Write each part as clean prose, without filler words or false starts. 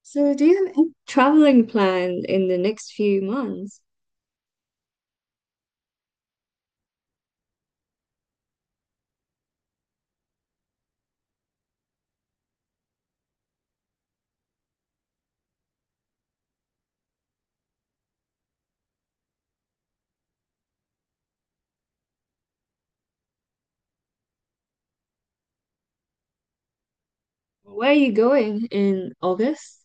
So, do you have any traveling planned in the next few months? Where are you going in August?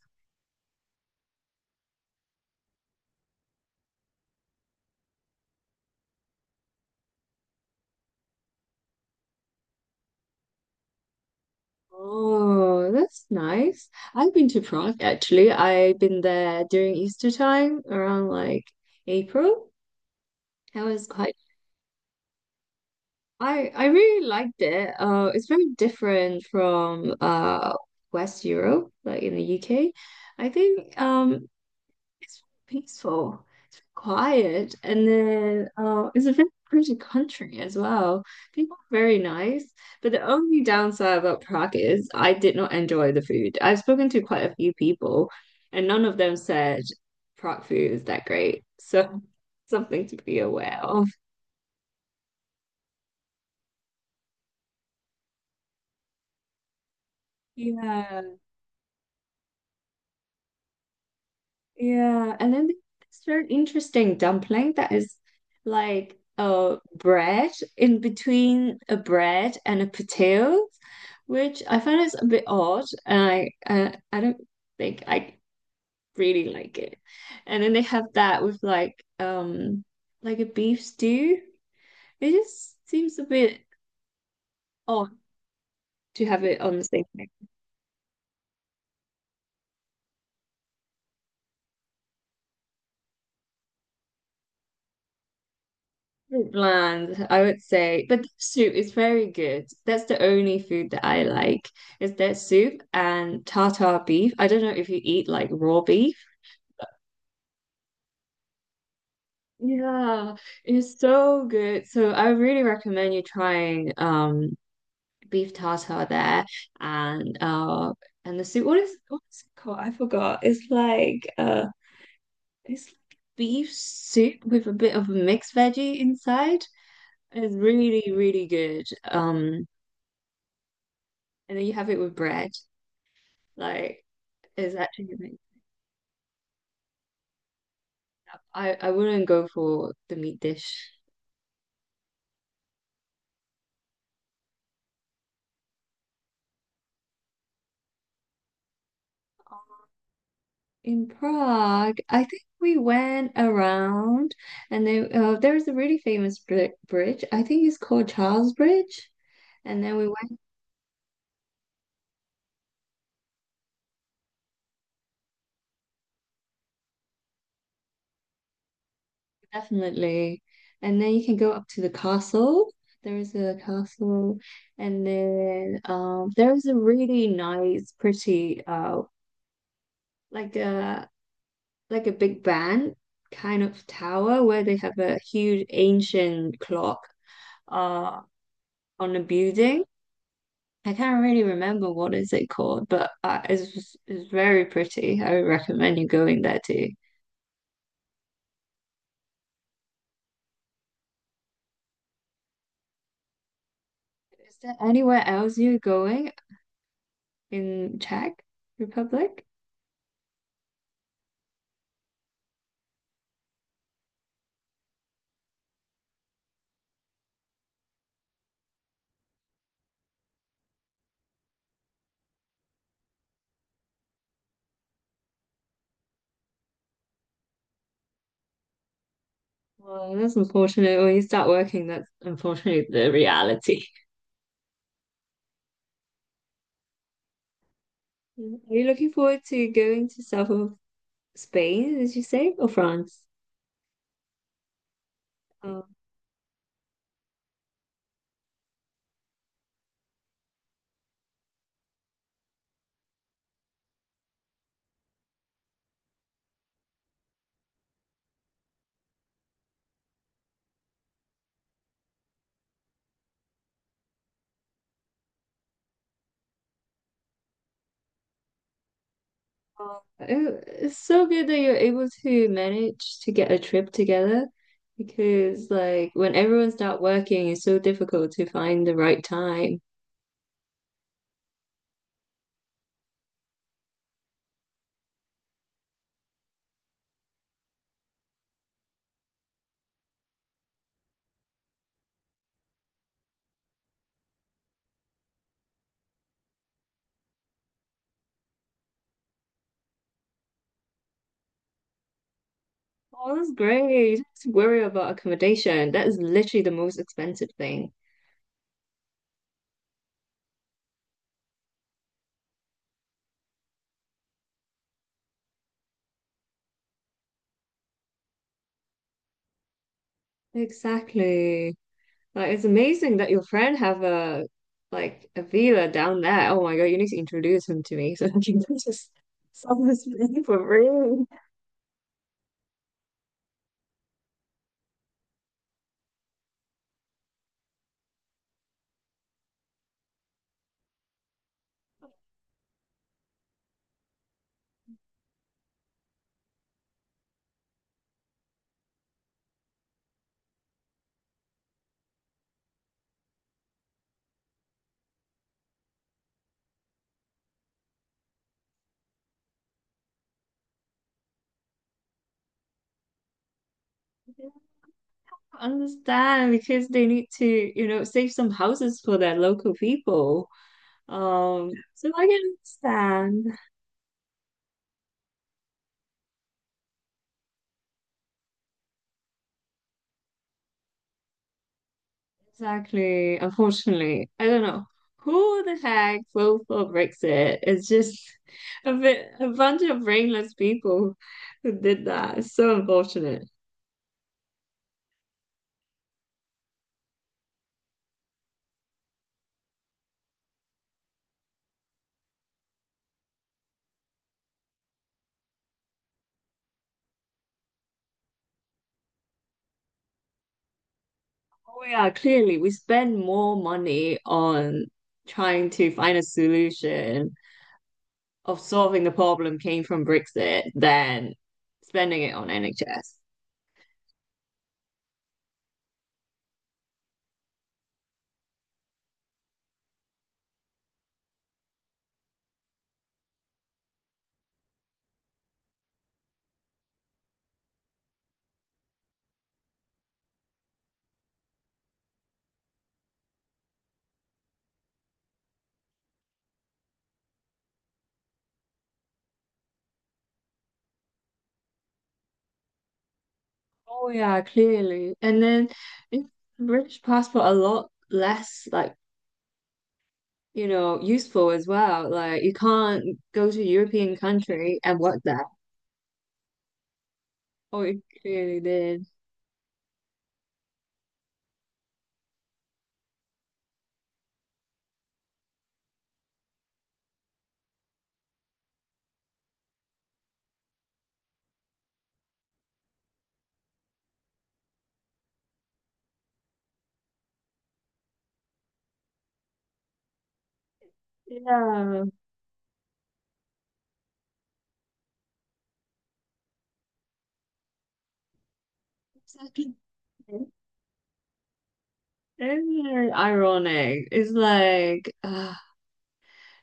Oh, that's nice. I've been to Prague actually. I've been there during Easter time around like April. That was quite I really liked it. It's very different from West Europe, like in the UK. I think it's peaceful. It's quiet. And then it's a very pretty country as well. People are very nice. But the only downside about Prague is I did not enjoy the food. I've spoken to quite a few people, and none of them said Prague food is that great. So something to be aware of. Yeah. Yeah, and then it's very interesting dumpling that is like a bread in between a bread and a potato, which I find is a bit odd, and I don't think I really like it. And then they have that with like a beef stew. It just seems a bit odd to have it on the same thing. Bland, I would say. But the soup is very good. That's the only food that I like is that soup and tartar beef. I don't know if you eat like raw beef. Yeah, it's so good. So I really recommend you trying beef tartar there and uh and the soup. What's it called? I forgot. It's like beef soup with a bit of mixed veggie inside. It's really, really good. And then you have it with bread. Like it's actually amazing. I wouldn't go for the meat dish. In Prague, I think we went around, and then there is a really famous bridge. I think it's called Charles Bridge. And then we went definitely, and then you can go up to the castle. There is a castle, and then there is a really nice, pretty like a. like a big band kind of tower where they have a huge ancient clock uh on a building. I can't really remember what is it called, but it's very pretty. I would recommend you going there too. Is there anywhere else you're going in Czech Republic? Well, that's unfortunate. When you start working, that's unfortunately the reality. Are you looking forward to going to south of Spain, did you say, or France? Uh, Oh, It's so good that you're able to manage to get a trip together because, like, when everyone's not working, it's so difficult to find the right time. Oh, that's great. You don't have to worry about accommodation. That is literally the most expensive thing. Exactly. Like, it's amazing that your friend have a like a villa down there. Oh my God, you need to introduce him to me so I can just sell this thing for free. Understand because they need to, you know, save some houses for their local people. So I can understand. Exactly. Unfortunately, I don't know who the heck voted for Brexit. It's just a bit, a bunch of brainless people who did that. It's so unfortunate. Oh yeah, clearly we spend more money on trying to find a solution of solving the problem came from Brexit than spending it on NHS. Oh yeah, clearly. And then in British passport, a lot less like you know, useful as well. Like you can't go to a European country and work there. Oh, it clearly did. Yeah. Exactly. It's very ironic. It's like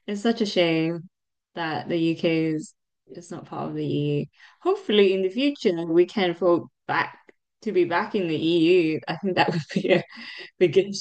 it's such a shame that the UK is is not part of the EU. Hopefully in the future we can vote back to be back in the EU. I think that would be a big issue.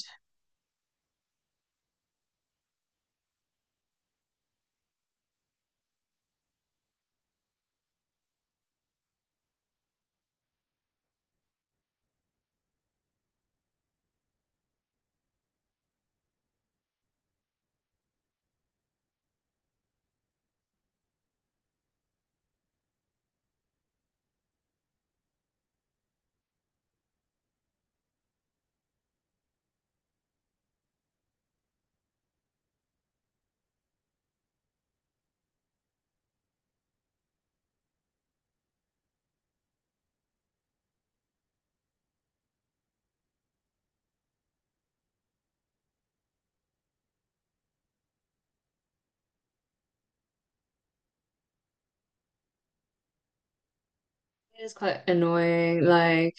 It's quite annoying. Like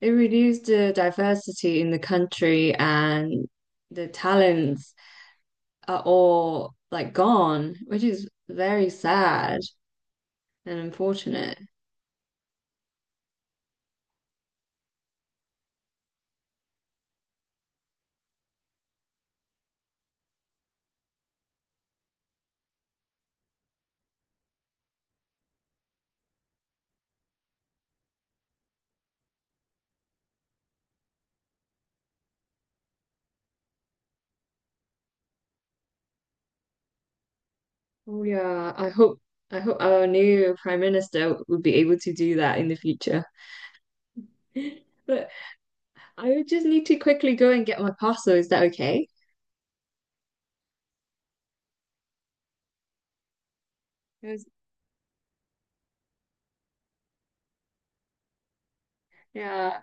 it reduced the diversity in the country and the talents are all like gone, which is very sad and unfortunate. Oh yeah, I hope our new prime minister would be able to do that in the future. But I would just need to quickly go and get my parcel. Is that okay? 'Cause, yeah,